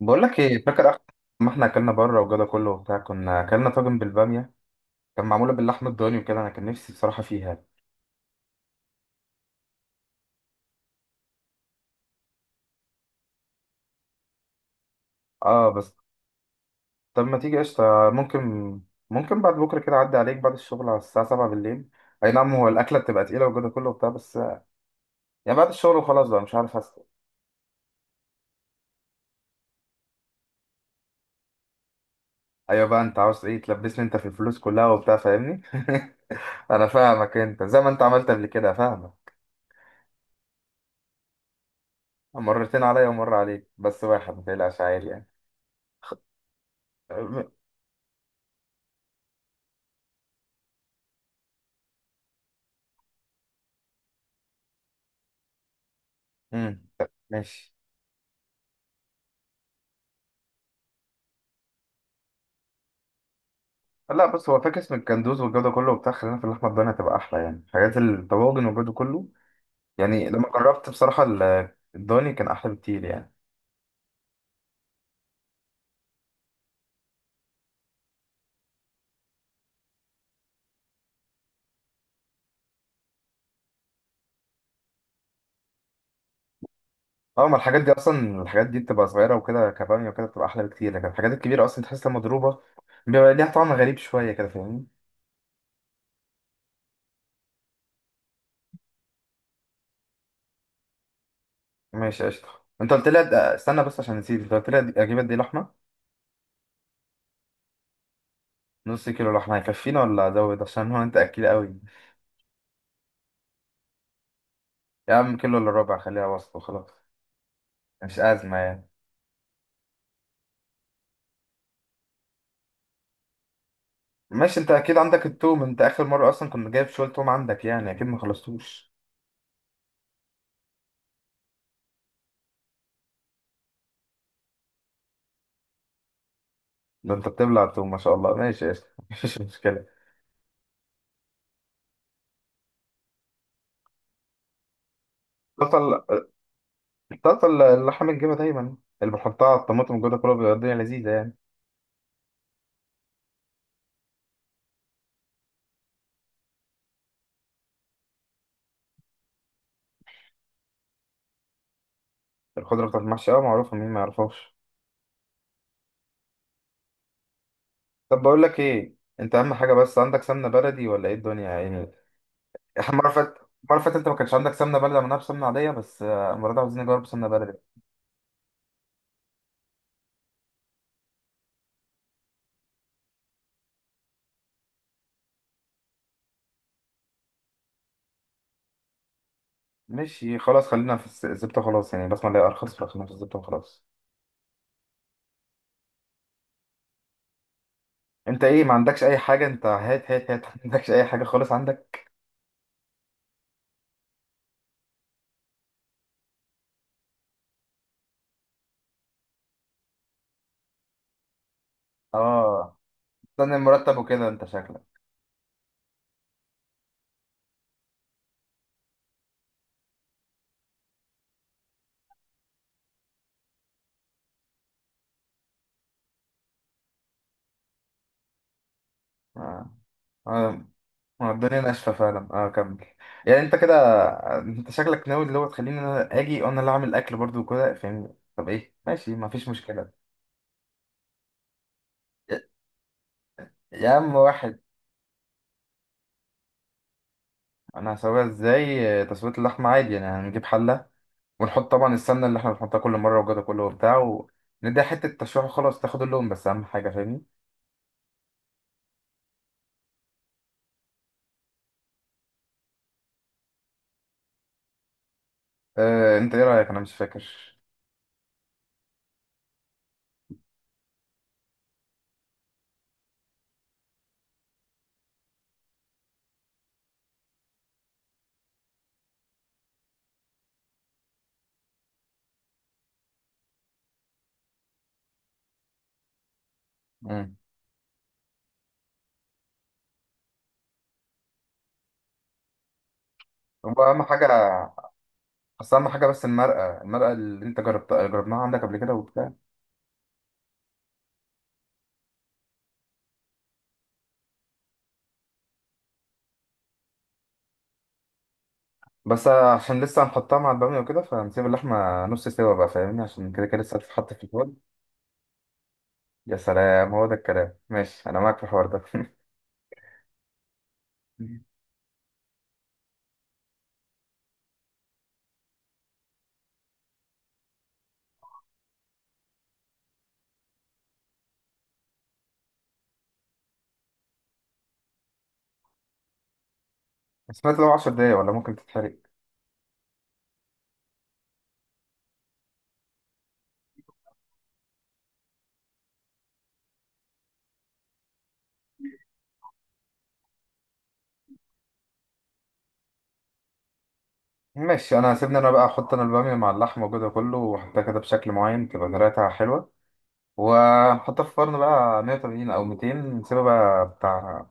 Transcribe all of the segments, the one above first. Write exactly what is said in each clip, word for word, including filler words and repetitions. بقول لك ايه؟ فاكر اخر ما احنا اكلنا بره وجدا كله وبتاع كنا اكلنا طاجن بالباميه؟ كان معموله باللحمه الضاني وكده، انا كان نفسي بصراحه فيها. اه بس طب ما تيجي قشطه. ممكن، ممكن بعد بكره كده اعدي عليك بعد الشغل على الساعه سبعة بالليل. اي نعم، هو الاكله بتبقى تقيله وجدا كله وبتاع، بس يعني بعد الشغل وخلاص بقى، مش عارف اسال. ايوه بقى انت عاوز ايه؟ تلبسني انت في الفلوس كلها وبتاع، فاهمني. انا فاهمك، انت زي ما انت عملت قبل كده، فاهمك. مرتين عليا ومره عليك، بس واحد ما تقلقش عادي يعني. أم- أمم، طب ماشي. لا بص، هو فاكس من الكندوز والجو ده كله وبتاع، خلينا في اللحمه الضاني هتبقى احلى يعني، حاجات الطواجن والجو ده كله. يعني لما جربت بصراحه ال- الضاني كان احلى بكتير يعني. اه ما الحاجات دي اصلا، الحاجات دي بتبقى صغيره وكده كباميه، وكده بتبقى احلى بكتير، لكن الحاجات الكبيره اصلا تحسها مضروبه. بيبقى ليها طعم غريب شويه كده، فاهمني. ماشي قشطه. انت قلت لي أد- استنى بس عشان نسيت، انت قلت لي أد- اجيب قد ايه لحمه؟ نص كيلو لحمه هيكفينا ولا ازود عشان هو انت اكيل قوي؟ يا عم كيلو الا ربع، خليها وسط وخلاص. مش ازمه يعني. ماشي، انت اكيد عندك التوم، انت اخر مره اصلا كنت جايب شويه توم عندك، يعني اكيد ما خلصتوش. ده انت بتبلع التوم، ما شاء الله، ماشي قشطة. مفيش مشكله. طاسه، طاسه. اللحم الجبه دايما، اللي بحطها على الطماطم وكده كله، بيبقى الدنيا لذيذه يعني. الخضره بتاعت المحشي، اه معروفه، مين ما يعرفهاش؟ طب بقول لك ايه، انت اهم حاجه بس عندك سمنه بلدي ولا ايه الدنيا يعني؟ احنا المره اللي فاتت، المره اللي فاتت انت ما كانش عندك سمنه بلدي، عملناها بسمنه عاديه، بس آه، المره دي عاوزين نجرب سمنه بلدي. ماشي خلاص، خلينا في الس- الزبده خلاص يعني، بسمع اللي هي ارخص، فخلينا في الزبده وخلاص. انت ايه ما عندكش اي حاجه؟ انت هات هات هات ما عندكش اي حاجه خالص عندك. اه. استنى المرتب وكده انت شكلك. اه اه. اه، الدنيا ناشفه فعلا، اه كمل. يعني انت كده، انت شكلك ناوي اللي هو تخليني انا اجي وانا اللي اعمل اكل برضو وكده، فاهمني؟ طب ايه، ماشي ما فيش مشكله. يا يا عم واحد. انا هسويها ازاي؟ اه، تسويه اللحمه عادي يعني، هنجيب حله، ونحط طبعا السمنه اللي احنا بنحطها كل مره وجوده كله وبتاع، ونديها حته تشويح وخلاص تاخد اللون، بس اهم حاجه، فاهمني. آه، انت ايه رايك؟ انا مش فاكر. مم. هو اهم حاجه، بس اهم حاجه بس المرقه، المرقه اللي انت جربتها، جربناها عندك قبل كده وبتاع. بس عشان لسه هنحطها مع الباميه وكده، فهنسيب اللحمه نص سوا بقى، فاهمني، عشان كده كده لسه هتتحط في الفرن. يا سلام، هو ده الكلام، ماشي انا معاك في الحوار ده بس فات لو عشر دقايق ولا ممكن تتحرق. ماشي، انا سيبني انا بقى، احط انا الباميه مع اللحمه وكده كله، واحطها كده بشكل معين تبقى طريقتها حلوه، وهنحطها في الفرن بقى مية وتمانين او ميتين. نسيبها بقى بتاع،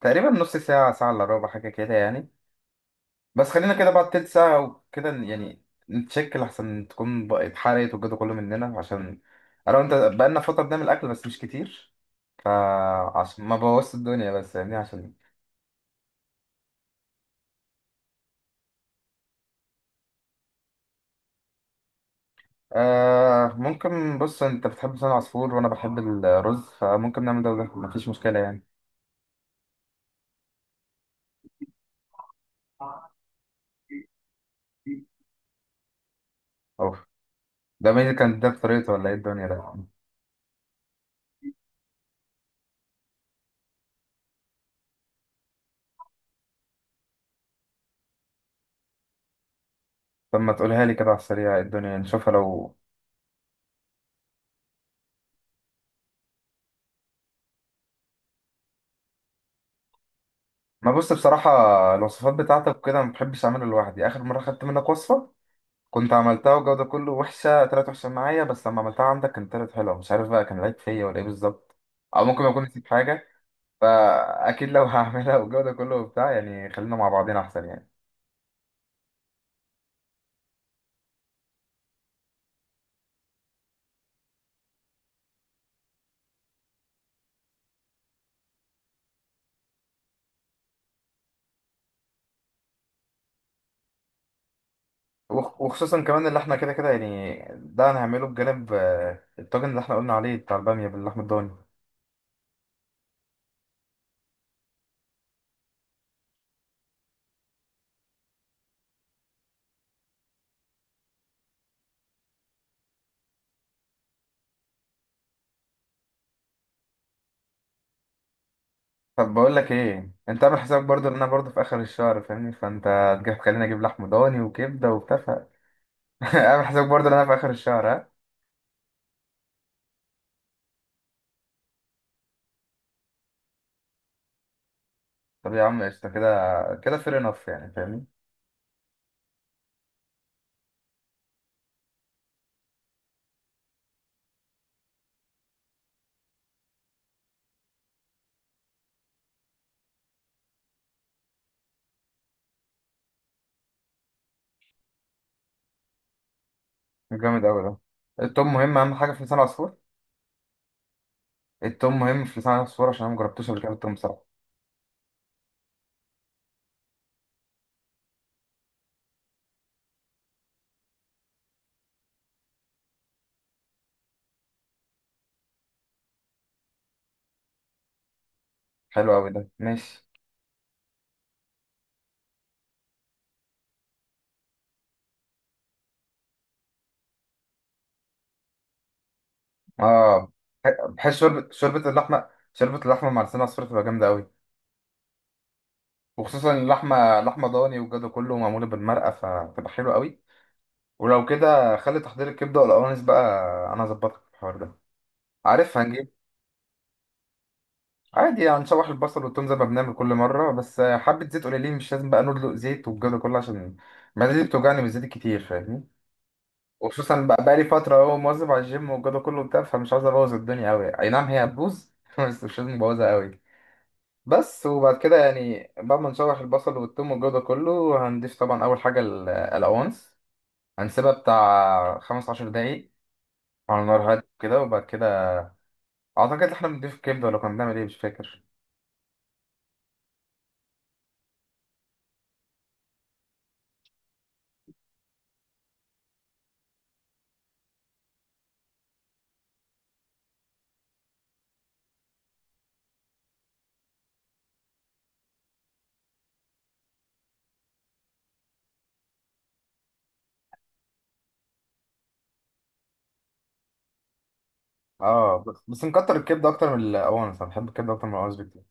تقريبا نص ساعه، ساعه الا ربع، حاجه كده يعني. بس خلينا كده بعد تلت ساعة وكده ن- يعني نتشكل أحسن تكون بقى اتحرقت والجو ده كله مننا، عشان أنا وأنت بقالنا فترة بنعمل أكل بس مش كتير، فعشان ما بوظت الدنيا بس يعني، عشان إيه. آه ممكن، بص، أنت بتحب لسان العصفور وأنا بحب الرز، فممكن نعمل ده وده، مفيش مشكلة يعني. أوف، ده مين اللي كان ده بطريقته ولا إيه الدنيا ده؟ طب ما تقولها لي كده على السريع، إيه الدنيا، نشوفها لو. ما بص بصراحة، الوصفات بتاعتك كده ما بحبش أعمله لوحدي، آخر مرة خدت منك وصفة، كنت عملتها والجو ده كله، وحشة طلعت وحشة معايا، بس لما عملتها عندك كانت طلعت حلوة، مش عارف بقى كان العيب فيا ولا ايه بالظبط. أو ممكن ما أكون نسيت حاجة. فأكيد لو هعملها والجو ده كله وبتاع يعني، خلينا مع بعضين أحسن يعني. وخ- وخصوصا كمان اللي احنا كده كده يعني، ده هنعمله بجانب آه، الطاجن اللي احنا قلنا عليه بتاع البامية باللحمة الضاني. طب بقول لك ايه، انت عامل حسابك برضو ان انا برضو في اخر الشهر، فاهمني، فانت تجي تخليني اجيب لحم ضاني وكبده وبتاع ف- عامل حسابك برضو ان انا في اخر الشهر، ها؟ طب يا عم قشطه كده، كده فير انف يعني، فاهمني. جامد أوي ده. التوم مهم، أهم حاجة في لسان العصفور. التوم مهم في لسان العصفور، عشان أنا مجربتوش قبل كده التوم بصراحة. حلو أوي ده، ماشي. آه، بح- بحس شوربة، شوربة اللحمة شوربة اللحمة مع لسان العصفور تبقى جامدة أوي. وخصوصا اللحمة، لحمة ضاني والجو كله، معمولة بالمرقة فتبقى حلوة أوي. ولو كده خلي تحضير الكبدة والقوانص بقى، أنا أظبطك في الحوار ده، عارف، هنجيب. عادي هنشوح البصل والتوم زي ما بنعمل كل مرة، بس حبة زيت قليلين، مش لازم بقى ندلق زيت والجو ده كله، عشان معدتي بتوجعني بالزيت الكتير، فاهمني. وخصوصا بقى، بقى لي فترة اهو مواظب على الجيم والجو كله بتاع، فمش عاوز ابوظ الدنيا قوي، اي نعم هي هتبوظ بس مش لازم ابوظها قوي. بس وبعد كده يعني، بعد ما نشوح البصل والثوم والجو ده كله، هنضيف طبعا اول حاجة ال- القوانص، هنسيبها بتاع خمسة عشر دقيقة على نار هادية كده، وبعد كده اعتقد احنا بنضيف كبدة ولا كنا بنعمل ايه؟ مش فاكر. اه بس، بس نكتر الكبدة اكتر من القوانص، انا بحب الكبدة اكتر من القوانص بكتير.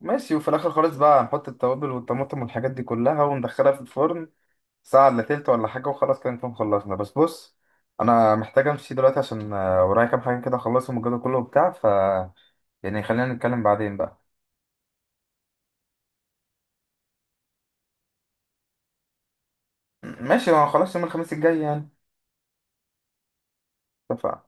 ماشي، وفي الاخر خالص بقى هنحط التوابل والطماطم والحاجات دي كلها، وندخلها في الفرن ساعة إلا تلت ولا حاجة، وخلاص كده نكون خلصنا. بس بص، أنا محتاج أمشي دلوقتي عشان آه، ورايا كام حاجة كده أخلصهم، الجدول كله وبتاع، ف يعني خلينا نتكلم بعدين بقى. ماشي ما خلاص، يوم الخميس الجاي يعني. اتفقنا.